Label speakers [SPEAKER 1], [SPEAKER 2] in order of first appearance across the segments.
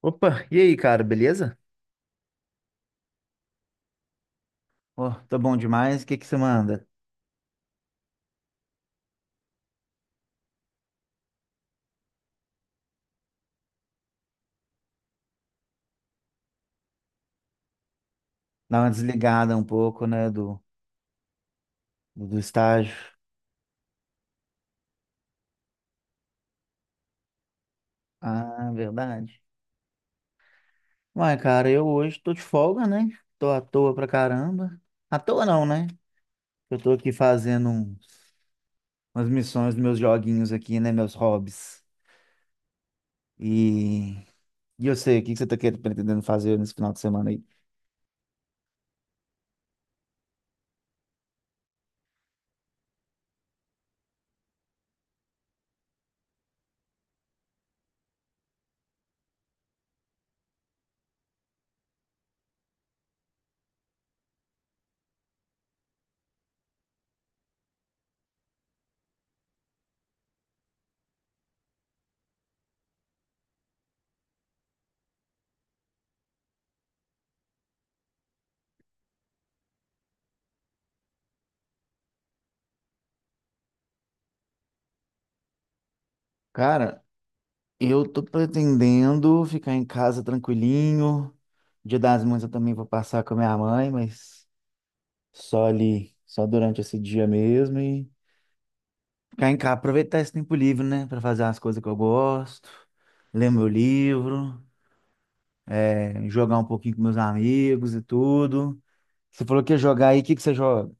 [SPEAKER 1] Opa, e aí, cara, beleza? Pô, tô bom demais. O que que você manda? Dá uma desligada um pouco, né, do estágio. Ah, verdade. Ué, cara, eu hoje tô de folga, né? Tô à toa pra caramba. À toa não, né? Eu tô aqui fazendo umas missões dos meus joguinhos aqui, né, meus hobbies. E, e eu sei, o que que você tá querendo, pretendendo fazer nesse final de semana aí? Cara, eu tô pretendendo ficar em casa tranquilinho. Dia das Mães eu também vou passar com a minha mãe, mas só ali, só durante esse dia mesmo e ficar em casa, aproveitar esse tempo livre, né, pra fazer as coisas que eu gosto, ler meu livro, jogar um pouquinho com meus amigos e tudo. Você falou que ia jogar aí, o que que você joga?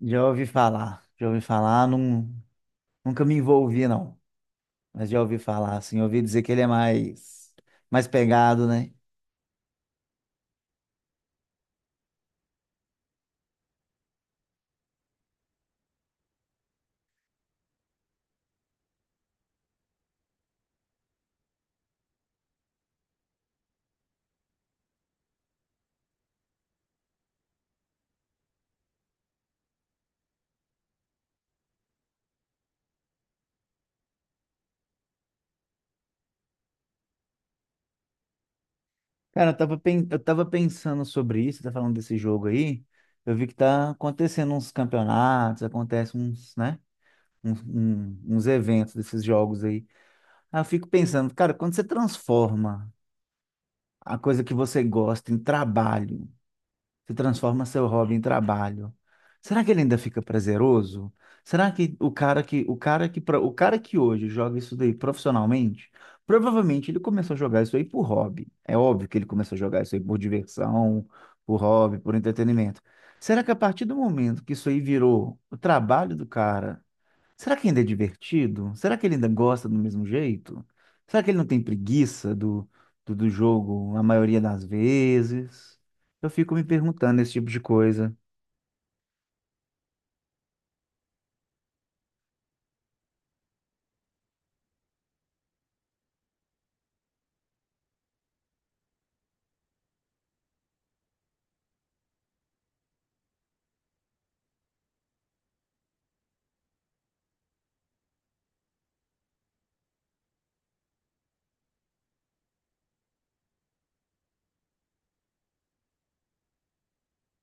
[SPEAKER 1] Já ouvi falar, não, nunca me envolvi não, mas já ouvi falar, assim, ouvi dizer que ele é mais, mais pegado, né? Cara, eu tava pensando sobre isso, tá falando desse jogo aí, eu vi que tá acontecendo uns campeonatos, acontece uns, né? Uns eventos desses jogos aí. Aí eu fico pensando, cara, quando você transforma a coisa que você gosta em trabalho, você transforma seu hobby em trabalho, será que ele ainda fica prazeroso? Será que o cara que hoje joga isso daí profissionalmente, provavelmente ele começou a jogar isso aí por hobby. É óbvio que ele começou a jogar isso aí por diversão, por hobby, por entretenimento. Será que a partir do momento que isso aí virou o trabalho do cara, será que ainda é divertido? Será que ele ainda gosta do mesmo jeito? Será que ele não tem preguiça do jogo a maioria das vezes? Eu fico me perguntando esse tipo de coisa.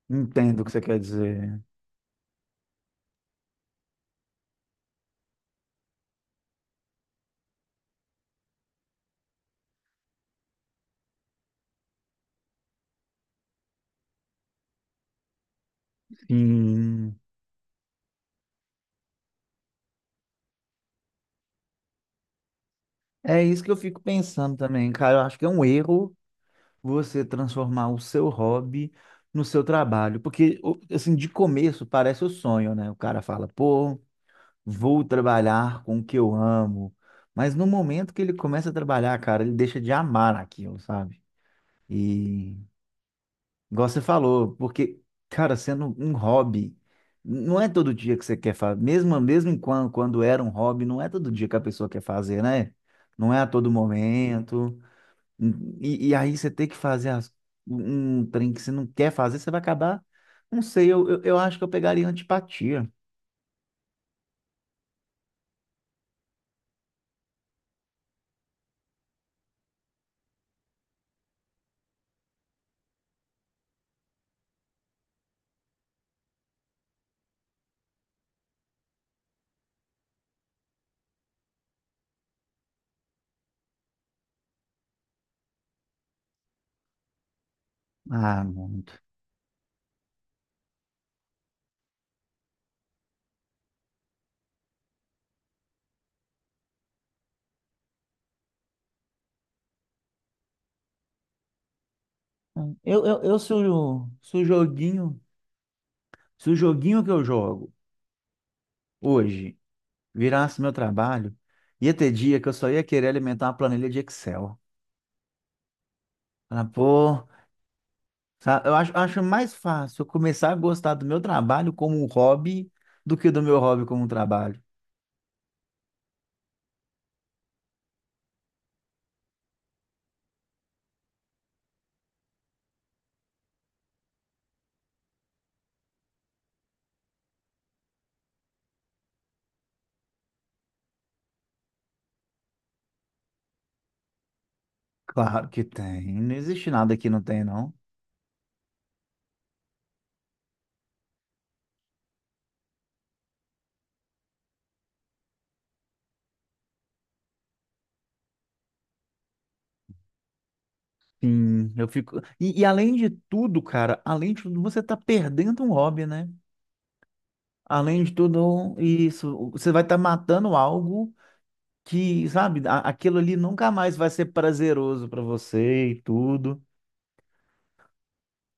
[SPEAKER 1] Entendo o que você quer dizer. Sim. É isso que eu fico pensando também, cara. Eu acho que é um erro você transformar o seu hobby no seu trabalho. Porque, assim, de começo parece o sonho, né? O cara fala, pô, vou trabalhar com o que eu amo. Mas no momento que ele começa a trabalhar, cara, ele deixa de amar aquilo, sabe? E igual você falou, porque, cara, sendo um hobby, não é todo dia que você quer fazer. Mesmo, mesmo quando, quando era um hobby, não é todo dia que a pessoa quer fazer, né? Não é a todo momento. E aí você tem que fazer um trem que você não quer fazer, você vai acabar. Não sei, eu acho que eu pegaria antipatia. Ah, mano. Eu se se o joguinho, se o joguinho que eu jogo hoje virasse meu trabalho, ia ter dia que eu só ia querer alimentar uma planilha de Excel. Falar, pô, sabe? Eu acho, acho mais fácil eu começar a gostar do meu trabalho como um hobby do que do meu hobby como um trabalho. Claro que tem, não existe nada que não tem, não. Sim, eu fico. E além de tudo, cara, além de tudo, você tá perdendo um hobby, né? Além de tudo, isso, você vai estar matando algo que, sabe, aquilo ali nunca mais vai ser prazeroso para você e tudo.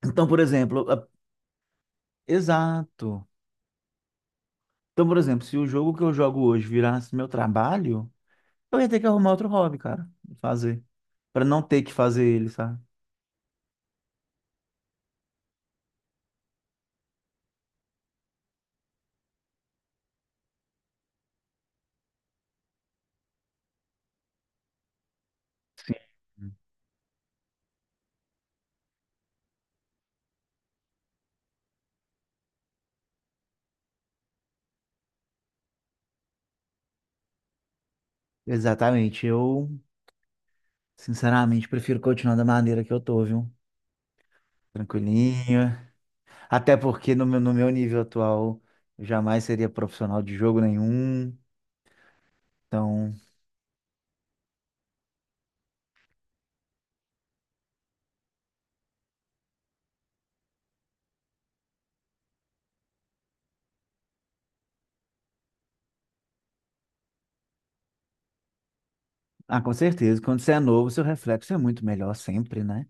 [SPEAKER 1] Então, por exemplo, exato. Então, por exemplo, se o jogo que eu jogo hoje virasse meu trabalho, eu ia ter que arrumar outro hobby, cara, fazer, para não ter que fazer ele, sabe? Exatamente. Eu, sinceramente, prefiro continuar da maneira que eu tô, viu? Tranquilinho. Até porque no meu nível atual, eu jamais seria profissional de jogo nenhum. Então, ah, com certeza. Quando você é novo, seu reflexo é muito melhor sempre, né?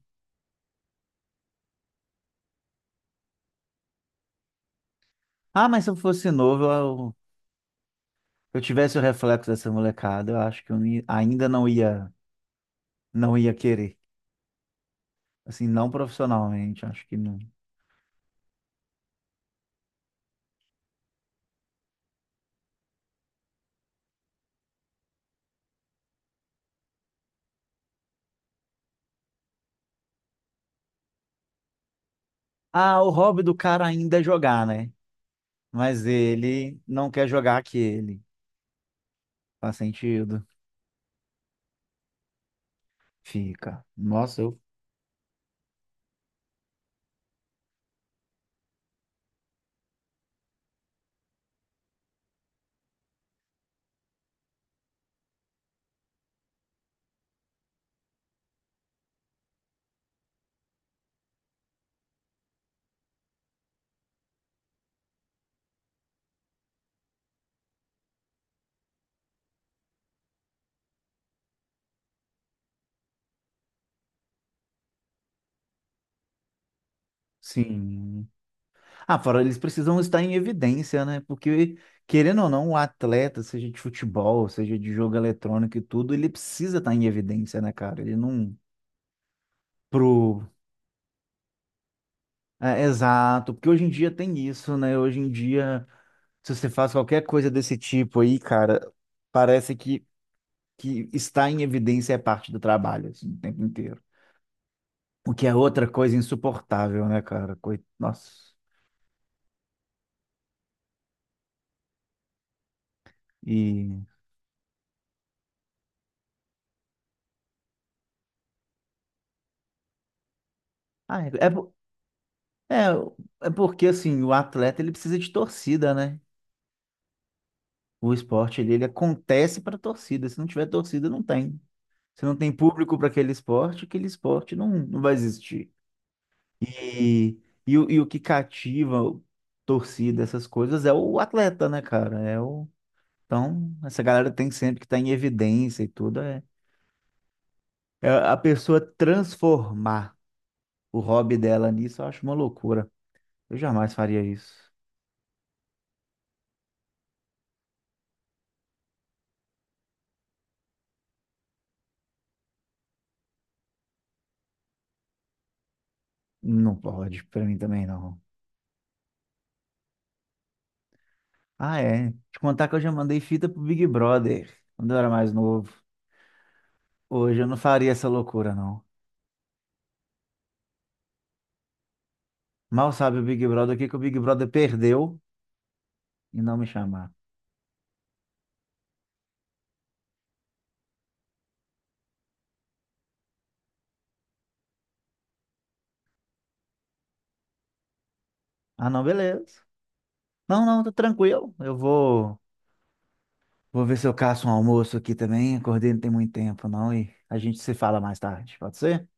[SPEAKER 1] Ah, mas se eu fosse novo, eu tivesse o reflexo dessa molecada, eu acho que eu não ia- ainda não ia, não ia querer. Assim, não profissionalmente, acho que não. Ah, o hobby do cara ainda é jogar, né? Mas ele não quer jogar aquele. Faz sentido. Fica. Nossa, eu. Sim. Ah, fora, eles precisam estar em evidência, né? Porque, querendo ou não, o atleta, seja de futebol, seja de jogo eletrônico e tudo, ele precisa estar em evidência, né, cara? Ele não. É, exato, porque hoje em dia tem isso, né? Hoje em dia, se você faz qualquer coisa desse tipo aí, cara, parece que está em evidência é parte do trabalho, assim, o tempo inteiro. O que é outra coisa insuportável, né, cara? Nossa. E. Ah, é porque, assim, o atleta ele precisa de torcida, né? O esporte ele acontece para torcida. Se não tiver torcida, não tem. Se não tem público para aquele esporte não, não vai existir. E, e, e o que cativa torcida, essas coisas, é o atleta, né, cara? É o, então, essa galera tem sempre que estar em evidência e tudo. É, é a pessoa transformar o hobby dela nisso, eu acho uma loucura. Eu jamais faria isso. Não pode, pra mim também não. Ah, é. Te contar que eu já mandei fita pro Big Brother quando eu era mais novo. Hoje eu não faria essa loucura, não. Mal sabe o Big Brother o que que o Big Brother perdeu e não me chamar. Ah, não, beleza. Não, não, tô tranquilo. Eu vou, vou ver se eu caço um almoço aqui também. Acordei não tem muito tempo, não, e a gente se fala mais tarde, pode ser?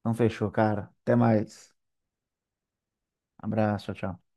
[SPEAKER 1] Então fechou, cara. Até mais. Abraço, tchau, tchau.